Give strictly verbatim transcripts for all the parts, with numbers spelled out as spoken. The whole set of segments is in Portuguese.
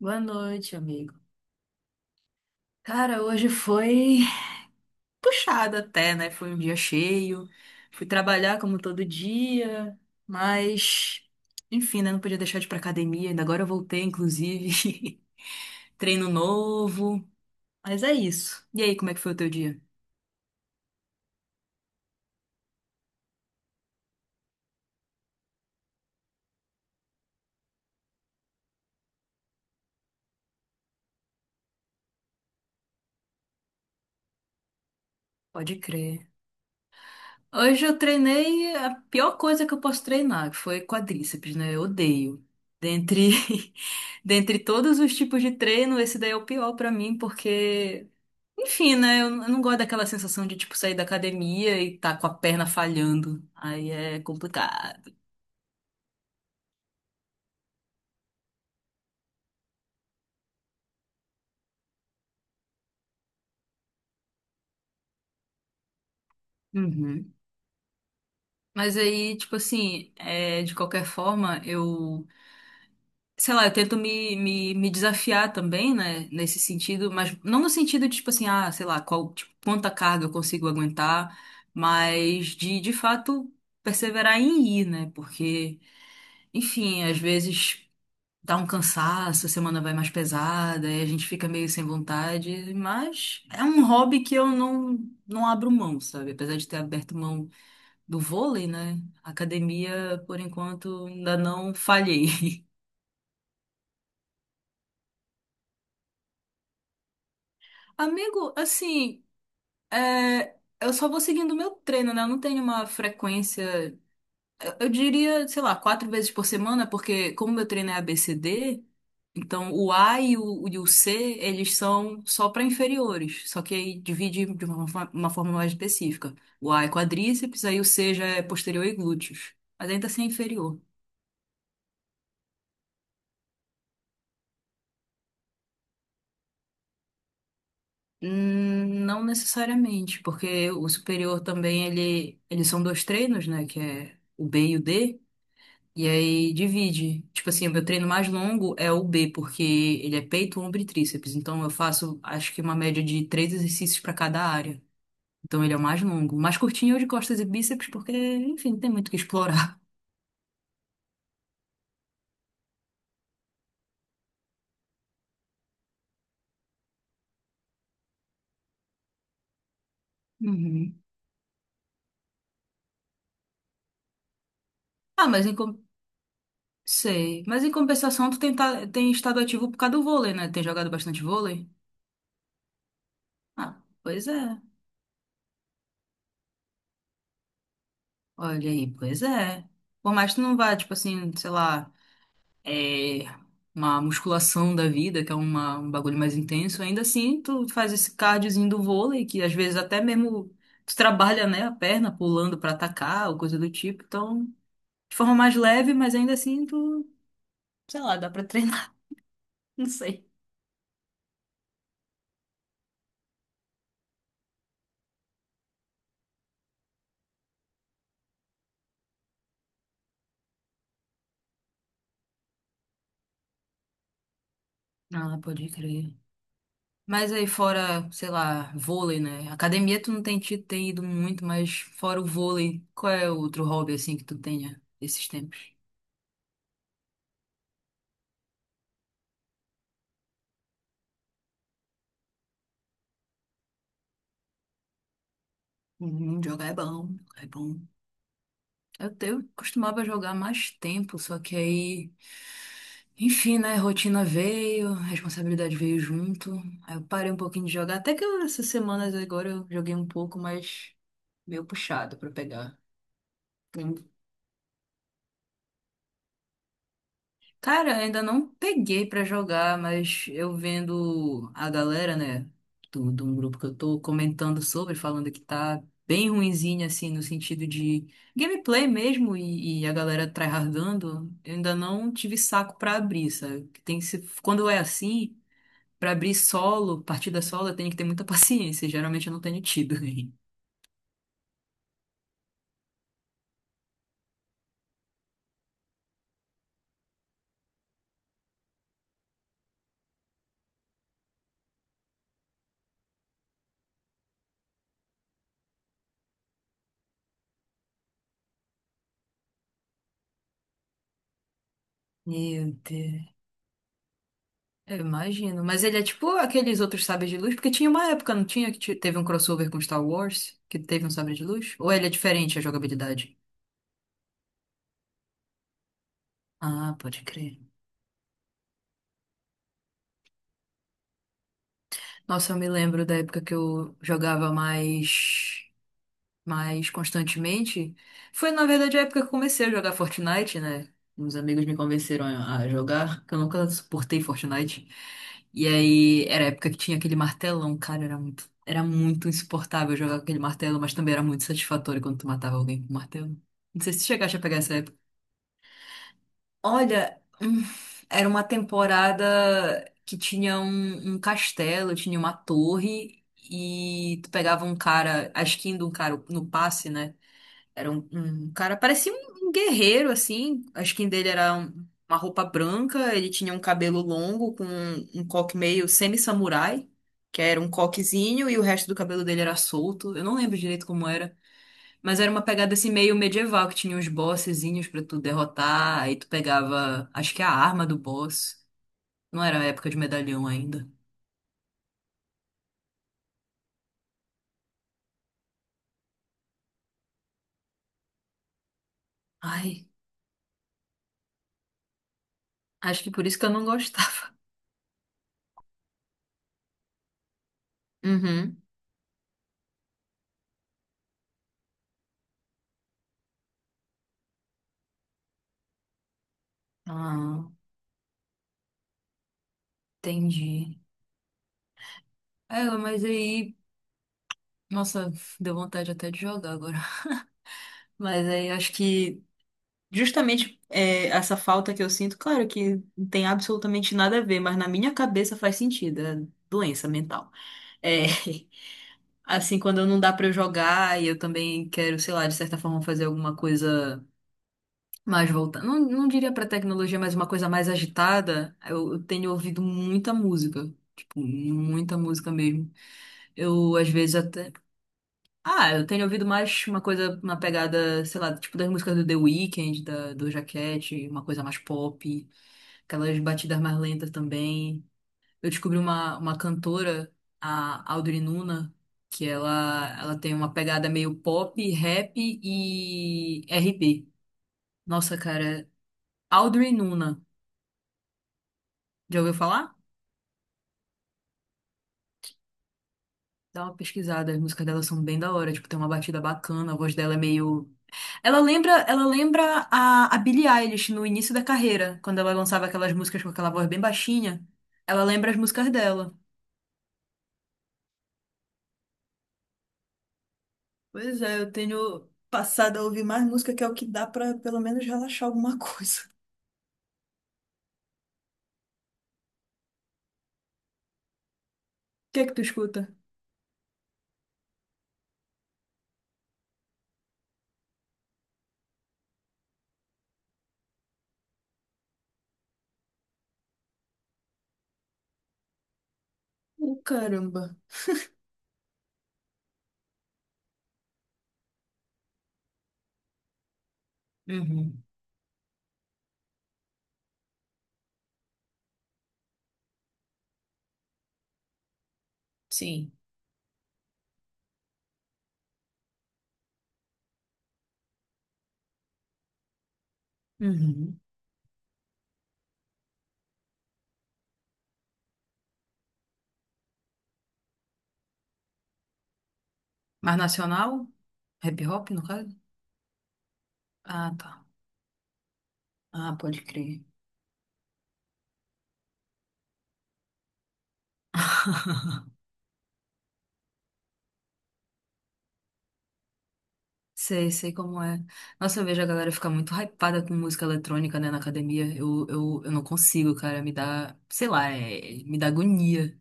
Boa noite, amigo. Cara, hoje foi puxado até, né? Foi um dia cheio. Fui trabalhar como todo dia, mas enfim, né? Não podia deixar de ir pra academia. Ainda agora eu voltei, inclusive. Treino novo. Mas é isso. E aí, como é que foi o teu dia? Pode crer. Hoje eu treinei a pior coisa que eu posso treinar, que foi quadríceps, né? Eu odeio. Dentre, dentre todos os tipos de treino, esse daí é o pior pra mim, porque enfim, né? Eu eu não gosto daquela sensação de, tipo, sair da academia e tá com a perna falhando. Aí é complicado. Uhum. Mas aí, tipo assim, é, de qualquer forma, eu, sei lá, eu tento me, me, me desafiar também, né? Nesse sentido, mas não no sentido de, tipo assim, ah, sei lá, qual, tipo, quanta carga eu consigo aguentar, mas de, de fato, perseverar em ir, né? Porque, enfim, às vezes dá um cansaço, a semana vai mais pesada, e a gente fica meio sem vontade, mas é um hobby que eu não, não abro mão, sabe? Apesar de ter aberto mão do vôlei, né? A academia, por enquanto, ainda não falhei. Amigo, assim, é, eu só vou seguindo o meu treino, né? Eu não tenho uma frequência. Eu diria, sei lá, quatro vezes por semana, porque como meu treino é A B C D, então o A e o, e o C, eles são só para inferiores, só que aí divide de uma, fa- uma forma mais específica. O A é quadríceps, aí o C já é posterior e glúteos, mas ainda assim é inferior. Hum, Não necessariamente, porque o superior também, ele, eles são dois treinos, né, que é o B e o D, e aí divide. Tipo assim, o meu treino mais longo é o B, porque ele é peito, ombro e tríceps. Então eu faço, acho que uma média de três exercícios para cada área. Então ele é o mais longo. O mais curtinho é o de costas e bíceps, porque, enfim, tem muito o que explorar. Uhum. Ah, mas em, com- sei. Mas em compensação, tu tem, ta- tem estado ativo por causa do vôlei, né? Tem jogado bastante vôlei? Ah, pois é. Olha aí, pois é. Por mais que tu não vá, tipo assim, sei lá, é, uma musculação da vida, que é uma, um bagulho mais intenso, ainda assim tu faz esse cardiozinho do vôlei, que às vezes até mesmo tu trabalha, né, a perna pulando pra atacar ou coisa do tipo, então de forma mais leve, mas ainda assim tu, sei lá, dá pra treinar, não sei. Ah, pode crer. Mas aí fora, sei lá, vôlei, né? Academia tu não tem, ti- tem ido muito, mas fora o vôlei, qual é outro hobby assim que tu tenha esses tempos? Hum, jogar é bom, jogar é bom. Eu, te- eu costumava jogar mais tempo, só que aí, enfim, né? Rotina veio, responsabilidade veio junto. Aí eu parei um pouquinho de jogar. Até que eu- essas semanas agora eu joguei um pouco, mas meio puxado pra pegar. Cara, ainda não peguei pra jogar, mas eu vendo a galera, né, do, de um grupo que eu tô comentando sobre, falando que tá bem ruinzinho, assim, no sentido de gameplay mesmo, e, e a galera tryhardando, eu ainda não tive saco pra abrir, sabe? Que tem que ser, quando é assim, pra abrir solo, partida solo, eu tenho que ter muita paciência, geralmente eu não tenho tido. Meu Deus. Eu imagino. Mas ele é tipo aqueles outros sabres de luz, porque tinha uma época, não tinha, que ti- teve um crossover com Star Wars, que teve um sabre de luz? Ou ele é diferente a jogabilidade? Ah, pode crer. Nossa, eu me lembro da época que eu jogava mais, mais constantemente. Foi, na verdade, a época que eu comecei a jogar Fortnite, né? Uns amigos me convenceram a a jogar, que eu nunca suportei Fortnite. E aí, era a época que tinha aquele martelão, cara, era muito, era muito insuportável jogar com aquele martelo, mas também era muito satisfatório quando tu matava alguém com martelo. Não sei se tu chegaste a pegar essa época. Olha, hum, era uma temporada que tinha um, um castelo, tinha uma torre, e tu pegava um cara, a skin de um cara no passe, né? Era um, um cara, parecia um, um guerreiro, assim. A skin dele era um- uma roupa branca, ele tinha um cabelo longo com um, um coque meio semi-samurai, que era um coquezinho, e o resto do cabelo dele era solto. Eu não lembro direito como era, mas era uma pegada assim meio medieval, que tinha uns bossezinhos pra tu derrotar, aí tu pegava, acho que a arma do boss. Não era a época de medalhão ainda. Ai, acho que por isso que eu não gostava. Uhum. Ah, entendi. É, mas aí. Nossa, deu vontade até de jogar agora. Mas aí eu acho que justamente é, essa falta que eu sinto, claro que não tem absolutamente nada a ver, mas na minha cabeça faz sentido, é doença mental. É, assim, quando não dá pra eu jogar e eu também quero, sei lá, de certa forma fazer alguma coisa mais voltada. Não, não diria pra tecnologia, mas uma coisa mais agitada, eu, eu tenho ouvido muita música. Tipo, muita música mesmo. Eu, às vezes, até. Ah, eu tenho ouvido mais uma coisa, uma pegada, sei lá, tipo das músicas do The Weeknd, da, do Jaquete, uma coisa mais pop, aquelas batidas mais lentas também. Eu descobri uma, uma cantora, a Audrey Nuna, que ela, ela tem uma pegada meio pop, rap e R B. Nossa, cara, Audrey Nuna, já ouviu falar? Dá uma pesquisada, as músicas dela são bem da hora, tipo, tem uma batida bacana, a voz dela é meio ela lembra, ela lembra a, a Billie Eilish no início da carreira, quando ela lançava aquelas músicas com aquela voz bem baixinha. Ela lembra as músicas dela. Pois é, eu tenho passado a ouvir mais música, que é o que dá pra pelo menos relaxar alguma coisa. O que é que tu escuta? Ô, caramba. Uhum. Sim. Uhum. Mas nacional? Hip hop, no caso? Ah, tá. Ah, pode crer. Sei, sei como é. Nossa, eu vejo a galera ficar muito hypada com música eletrônica, né, na academia. Eu, eu, eu não consigo, cara. Me dá, sei lá, é- me dá agonia.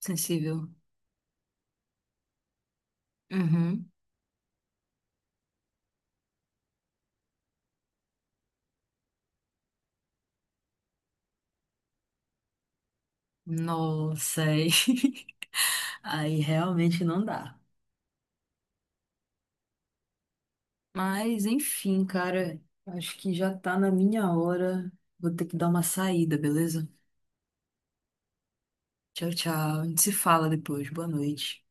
Sensível. Uhum. Nossa, aí, aí realmente não dá. Mas, enfim, cara, acho que já tá na minha hora. Vou ter que dar uma saída, beleza? Tchau, tchau. A gente se fala depois. Boa noite.